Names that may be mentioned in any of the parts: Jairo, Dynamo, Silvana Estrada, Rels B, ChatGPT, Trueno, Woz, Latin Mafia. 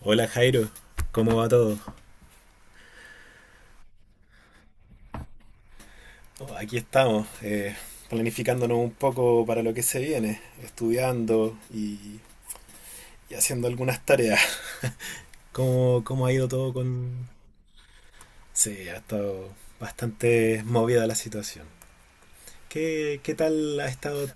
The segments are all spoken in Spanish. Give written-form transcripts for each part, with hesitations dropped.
Hola Jairo, ¿cómo va todo? Oh, aquí estamos, planificándonos un poco para lo que se viene, estudiando y haciendo algunas tareas. ¿Cómo ha ido todo con...? Sí, ha estado bastante movida la situación. ¿Qué tal ha estado?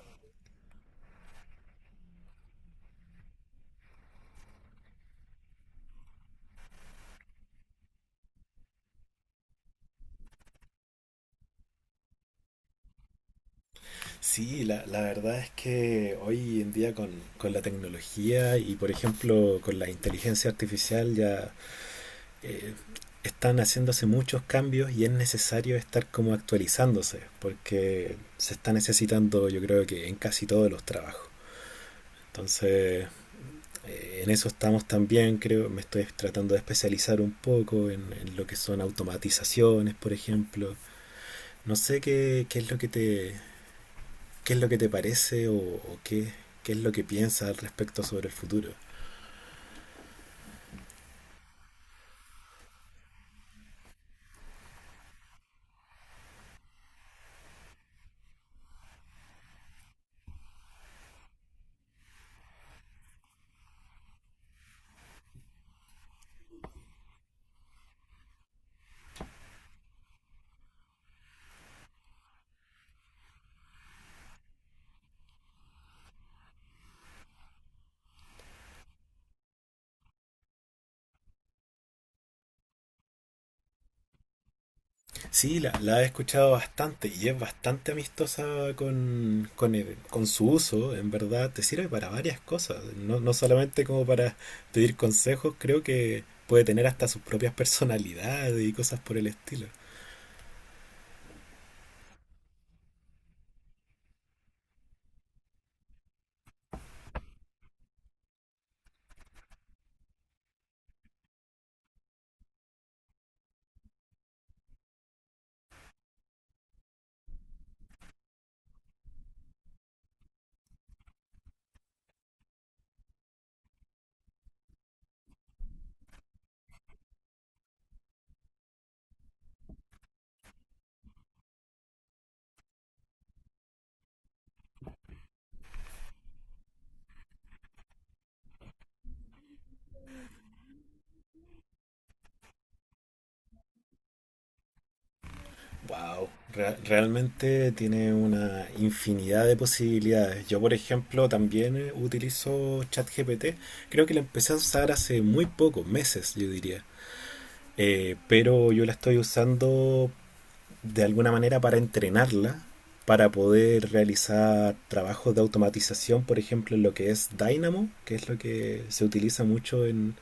Sí, la verdad es que hoy en día con la tecnología y por ejemplo con la inteligencia artificial ya eh, están haciéndose muchos cambios y es necesario estar como actualizándose, porque se está necesitando yo creo que en casi todos los trabajos. Entonces, en eso estamos también, creo, me estoy tratando de especializar un poco en lo que son automatizaciones, por ejemplo. No sé qué es lo que qué es lo que te parece o qué es lo que piensas al respecto sobre el futuro. Sí, la he escuchado bastante y es bastante amistosa con su uso. En verdad, te sirve para varias cosas. No, no solamente como para pedir consejos, creo que puede tener hasta sus propias personalidades y cosas por el estilo. Wow, realmente tiene una infinidad de posibilidades. Yo, por ejemplo, también utilizo ChatGPT. Creo que la empecé a usar hace muy poco, meses, yo diría. Pero yo la estoy usando de alguna manera para entrenarla, para poder realizar trabajos de automatización, por ejemplo, en lo que es Dynamo, que es lo que se utiliza mucho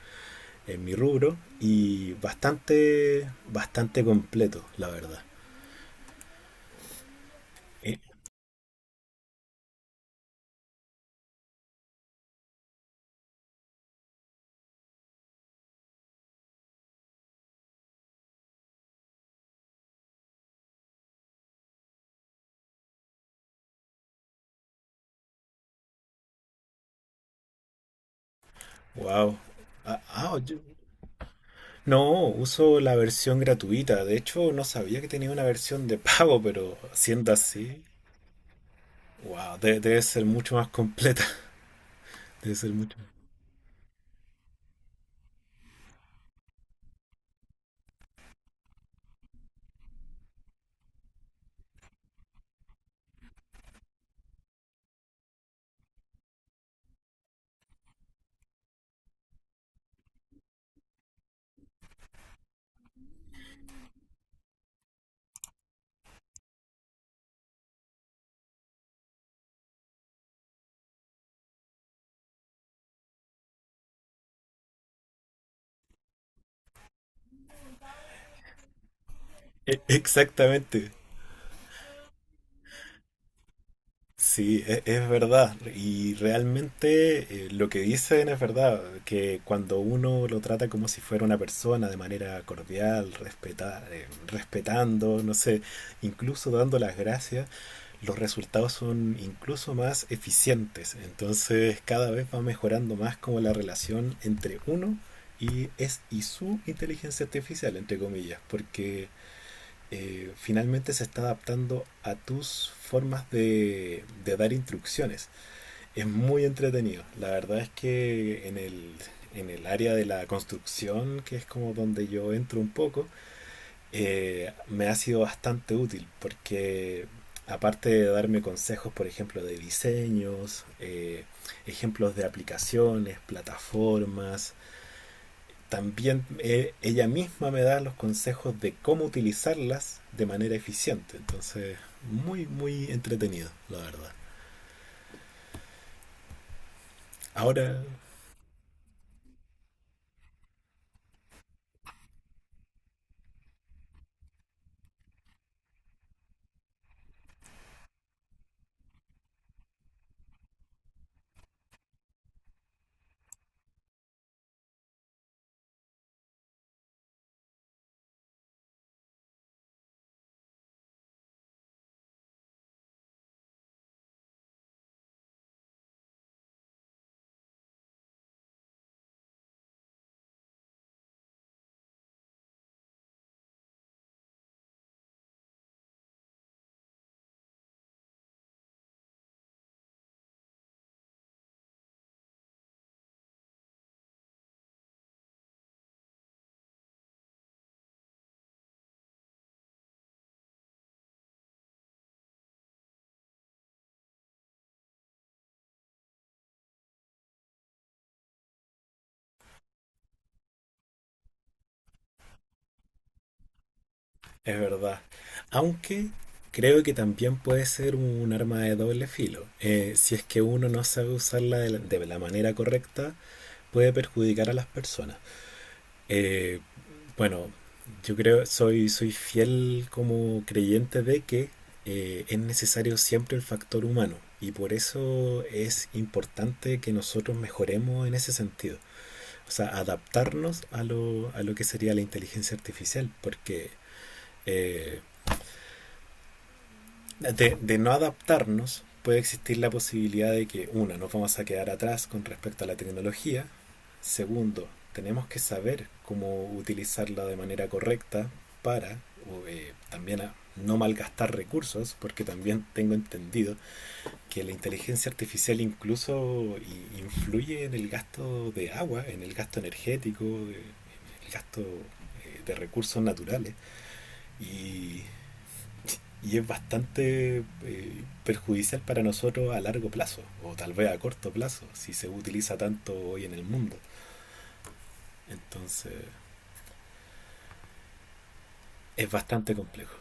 en mi rubro, y bastante, bastante completo, la verdad. Eh, wow. Ah, ah, yo- no, uso la versión gratuita. De hecho, no sabía que tenía una versión de pago, pero siendo así, wow, debe ser mucho más completa. Debe ser mucho. Exactamente. Sí, es verdad. Y realmente lo que dicen es verdad, que cuando uno lo trata como si fuera una persona de manera cordial, respetando, no sé, incluso dando las gracias, los resultados son incluso más eficientes. Entonces cada vez va mejorando más como la relación entre uno y es y su inteligencia artificial, entre comillas, porque finalmente se está adaptando a tus formas de dar instrucciones. Es muy entretenido. La verdad es que en en el área de la construcción, que es como donde yo entro un poco, me ha sido bastante útil porque aparte de darme consejos, por ejemplo, de diseños, ejemplos de aplicaciones, plataformas, también ella misma me da los consejos de cómo utilizarlas de manera eficiente. Entonces, muy, muy entretenido, la verdad. Ahora, es verdad. Aunque creo que también puede ser un arma de doble filo. Si es que uno no sabe usarla de de la manera correcta, puede perjudicar a las personas. Eh, Bueno, yo creo, soy, soy fiel como creyente de que es necesario siempre el factor humano y por eso es importante que nosotros mejoremos en ese sentido. O sea, adaptarnos a a lo que sería la inteligencia artificial, porque eh, de no adaptarnos, puede existir la posibilidad de que, una, nos vamos a quedar atrás con respecto a la tecnología. Segundo, tenemos que saber cómo utilizarla de manera correcta para también a no malgastar recursos, porque también tengo entendido que la inteligencia artificial incluso influye en el gasto de agua, en el gasto energético, en el gasto de recursos naturales. Y y es bastante perjudicial para nosotros a largo plazo, o tal vez a corto plazo, si se utiliza tanto hoy en el mundo. Entonces, es bastante complejo.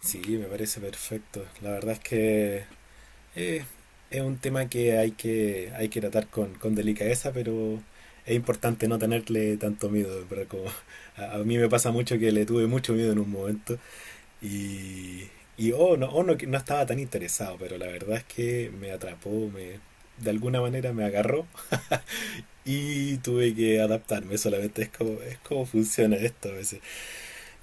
Sí, me parece perfecto. La verdad es que eh, es un tema que hay hay que tratar con delicadeza, pero es importante no tenerle tanto miedo, ¿verdad? Como a mí me pasa mucho que le tuve mucho miedo en un momento. Y, y oh, no, oh, no, que no estaba tan interesado, pero la verdad es que me atrapó, me, de alguna manera me agarró y tuve que adaptarme. Solamente es como funciona esto a veces.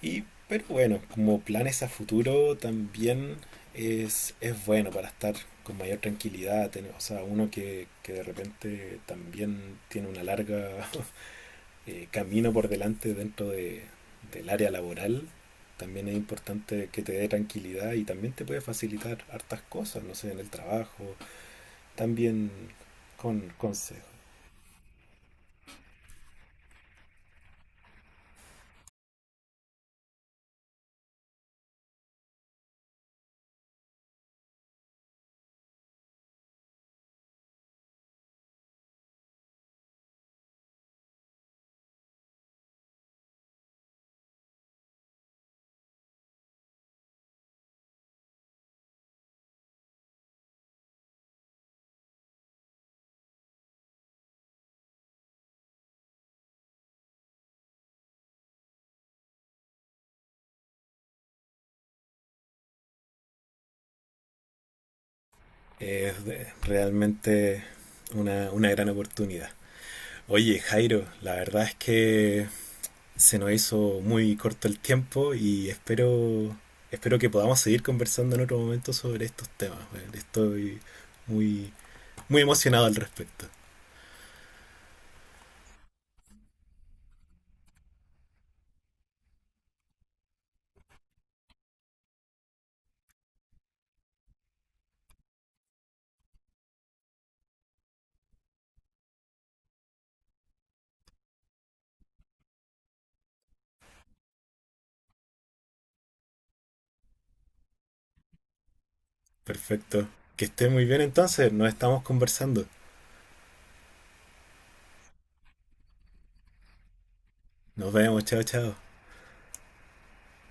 Y, pero bueno, como planes a futuro también es bueno para estar con mayor tranquilidad. O sea, uno que de repente también tiene una larga camino por delante dentro del área laboral, también es importante que te dé tranquilidad y también te puede facilitar hartas cosas, no sé, en el trabajo, también con consejos. Es realmente una gran oportunidad. Oye, Jairo, la verdad es que se nos hizo muy corto el tiempo y espero, espero que podamos seguir conversando en otro momento sobre estos temas. Estoy muy, muy emocionado al respecto. Perfecto. Que esté muy bien entonces. Nos estamos conversando. Nos vemos. Chao, chao.